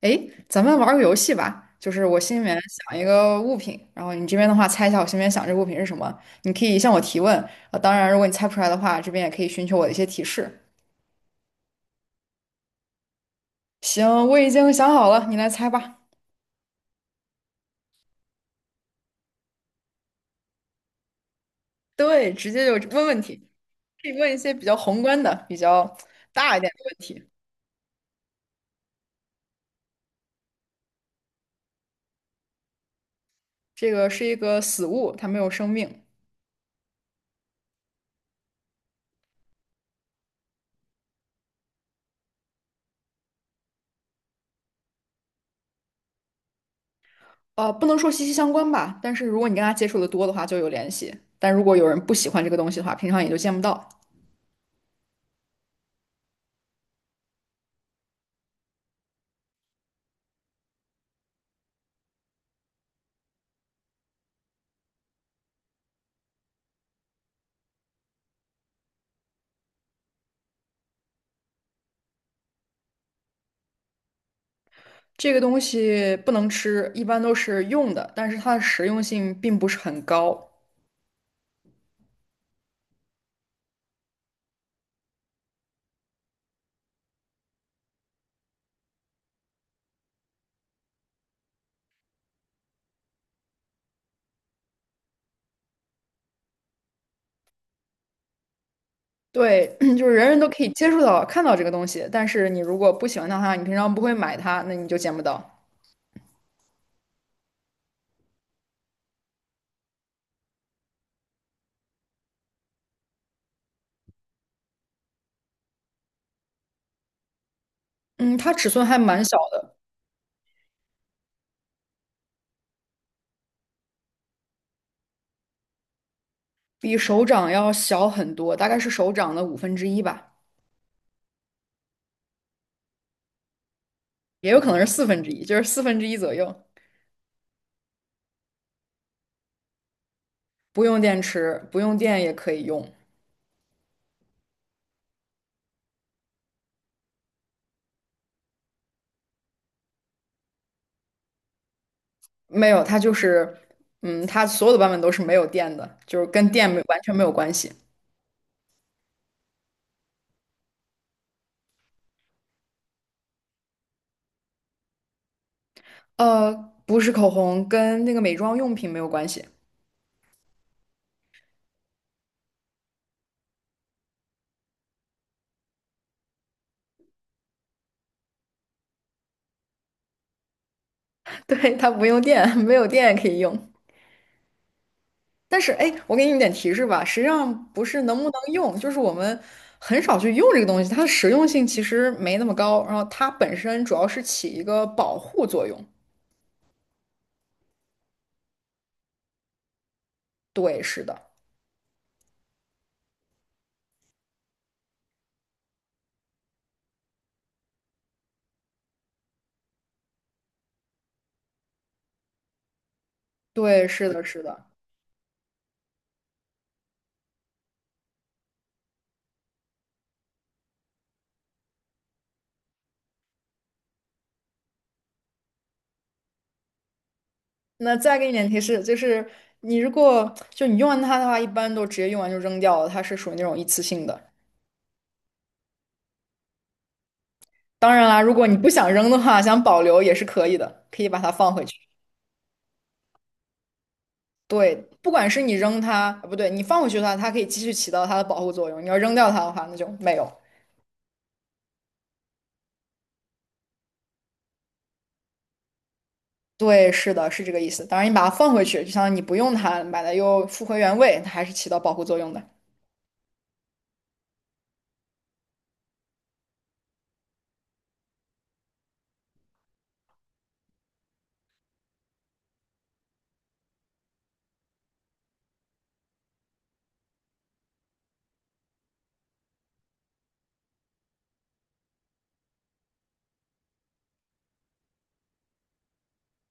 诶，咱们玩儿个游戏吧，就是我心里面想一个物品，然后你这边的话猜一下我心里面想这个物品是什么，你可以向我提问，当然如果你猜不出来的话，这边也可以寻求我的一些提示。行，我已经想好了，你来猜吧。对，直接就问问题，可以问一些比较宏观的、比较大一点的问题。这个是一个死物，它没有生命，不能说息息相关吧，但是如果你跟它接触的多的话，就有联系；但如果有人不喜欢这个东西的话，平常也就见不到。这个东西不能吃，一般都是用的，但是它的实用性并不是很高。对，就是人人都可以接触到、看到这个东西，但是你如果不喜欢它的话，你平常不会买它，那你就见不到。嗯，它尺寸还蛮小的，比手掌要小很多，大概是手掌的五分之一吧，也有可能是四分之一，就是四分之一左右。不用电池，不用电也可以用。没有，它就是，嗯，它所有的版本都是没有电的，就是跟电没完全没有关系。呃，不是口红，跟那个美妆用品没有关系。对，它不用电，没有电也可以用。但是，哎，我给你一点提示吧，实际上不是能不能用，就是我们很少去用这个东西，它的实用性其实没那么高。然后它本身主要是起一个保护作用。对，是的，对，是的，是的。那再给你点提示，就是你如果就你用完它的话，一般都直接用完就扔掉了，它是属于那种一次性的。当然啦，如果你不想扔的话，想保留也是可以的，可以把它放回去。对，不管是你扔它，啊不对，你放回去的话，它可以继续起到它的保护作用。你要扔掉它的话，那就没有。对，是的，是这个意思。当然，你把它放回去，就相当于你不用它，把它又复回原位，它还是起到保护作用的。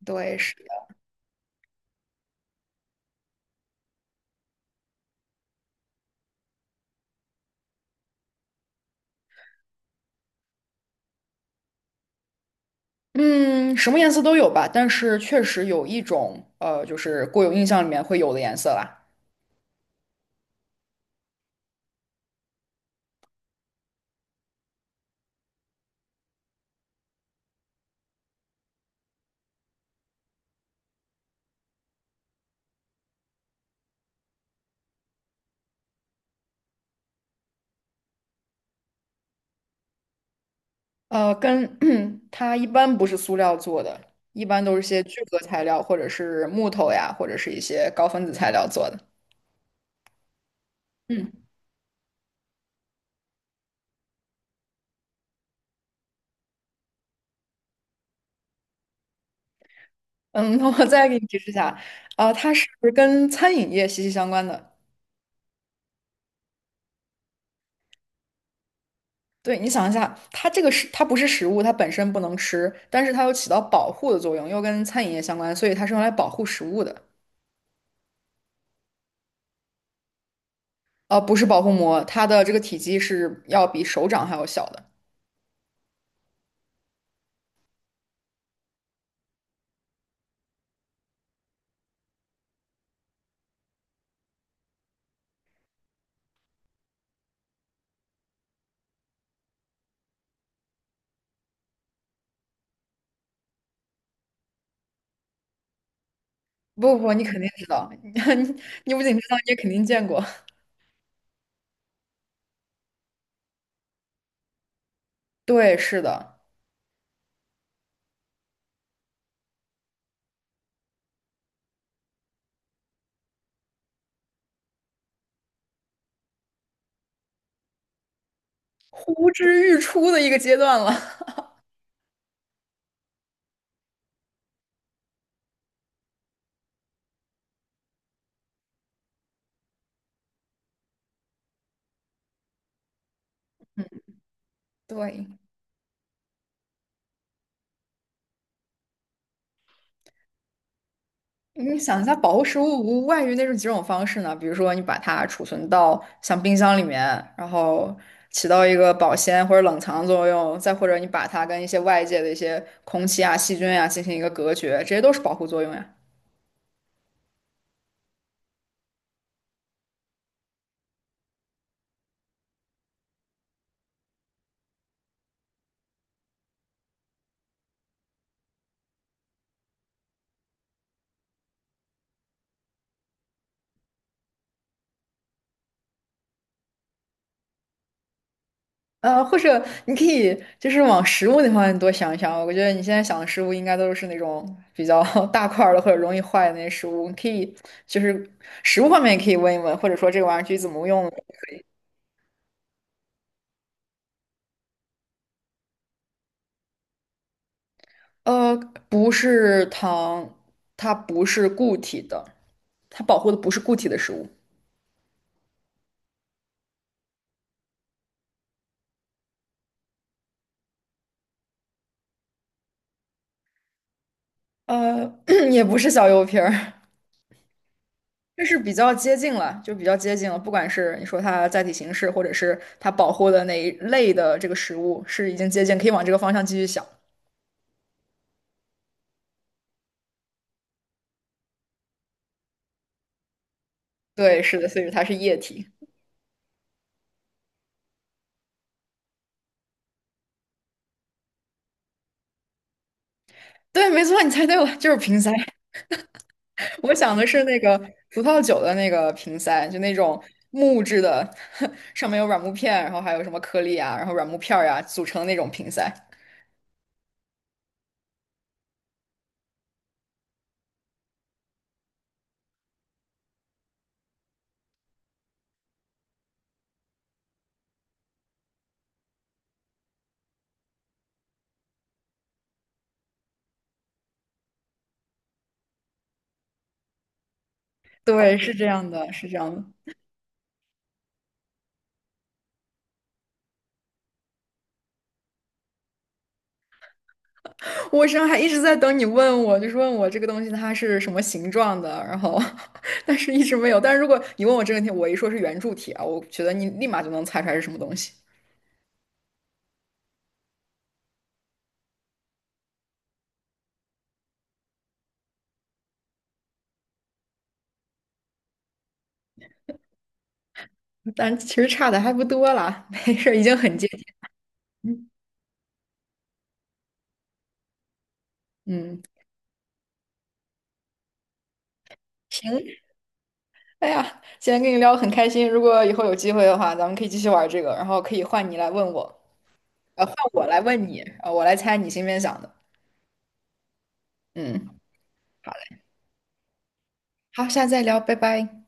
对，是的。嗯，什么颜色都有吧，但是确实有一种，就是固有印象里面会有的颜色啦。呃，跟 它一般不是塑料做的，一般都是些聚合材料，或者是木头呀，或者是一些高分子材料做的。嗯。嗯，那我再给你提示一下，啊，它是跟餐饮业息息相关的。对，你想一下，它这个是它不是食物，它本身不能吃，但是它又起到保护的作用，又跟餐饮业相关，所以它是用来保护食物的。不是保护膜，它的这个体积是要比手掌还要小的。不不不，你肯定知道，你不仅知道，你也肯定见过。对，是的，呼之欲出的一个阶段了。对，你想一下，保护食物无外于那种几种方式呢？比如说，你把它储存到像冰箱里面，然后起到一个保鲜或者冷藏作用；再或者你把它跟一些外界的一些空气啊、细菌啊进行一个隔绝，这些都是保护作用呀。或者你可以就是往食物那方面多想一想。我觉得你现在想的食物应该都是那种比较 大块儿的或者容易坏的那些食物。你可以就是食物方面也可以问一问，或者说这个玩意儿具体怎么用。呃，不是糖，它不是固体的，它保护的不是固体的食物，呃，也不是小油瓶儿，就是比较接近了，就比较接近了。不管是你说它载体形式，或者是它保护的哪一类的这个食物，是已经接近，可以往这个方向继续想。对，是的，所以它是液体。对，没错，你猜对了，就是瓶塞。我想的是那个葡萄酒的那个瓶塞，就那种木质的，上面有软木片，然后还有什么颗粒啊，然后软木片儿呀、组成的那种瓶塞。对，是这样的，是这样的。我身上还一直在等你问我，就是问我这个东西它是什么形状的，然后 但是一直没有。但是如果你问我这个问题，我一说是圆柱体啊，我觉得你立马就能猜出来是什么东西。但其实差的还不多啦，没事儿，已经很接近。嗯，嗯行，哎呀，今天跟你聊的很开心，如果以后有机会的话，咱们可以继续玩这个，然后可以换你来问我，换我来问你，我来猜你心里面想的。嗯，好嘞，好，下次再聊，拜拜。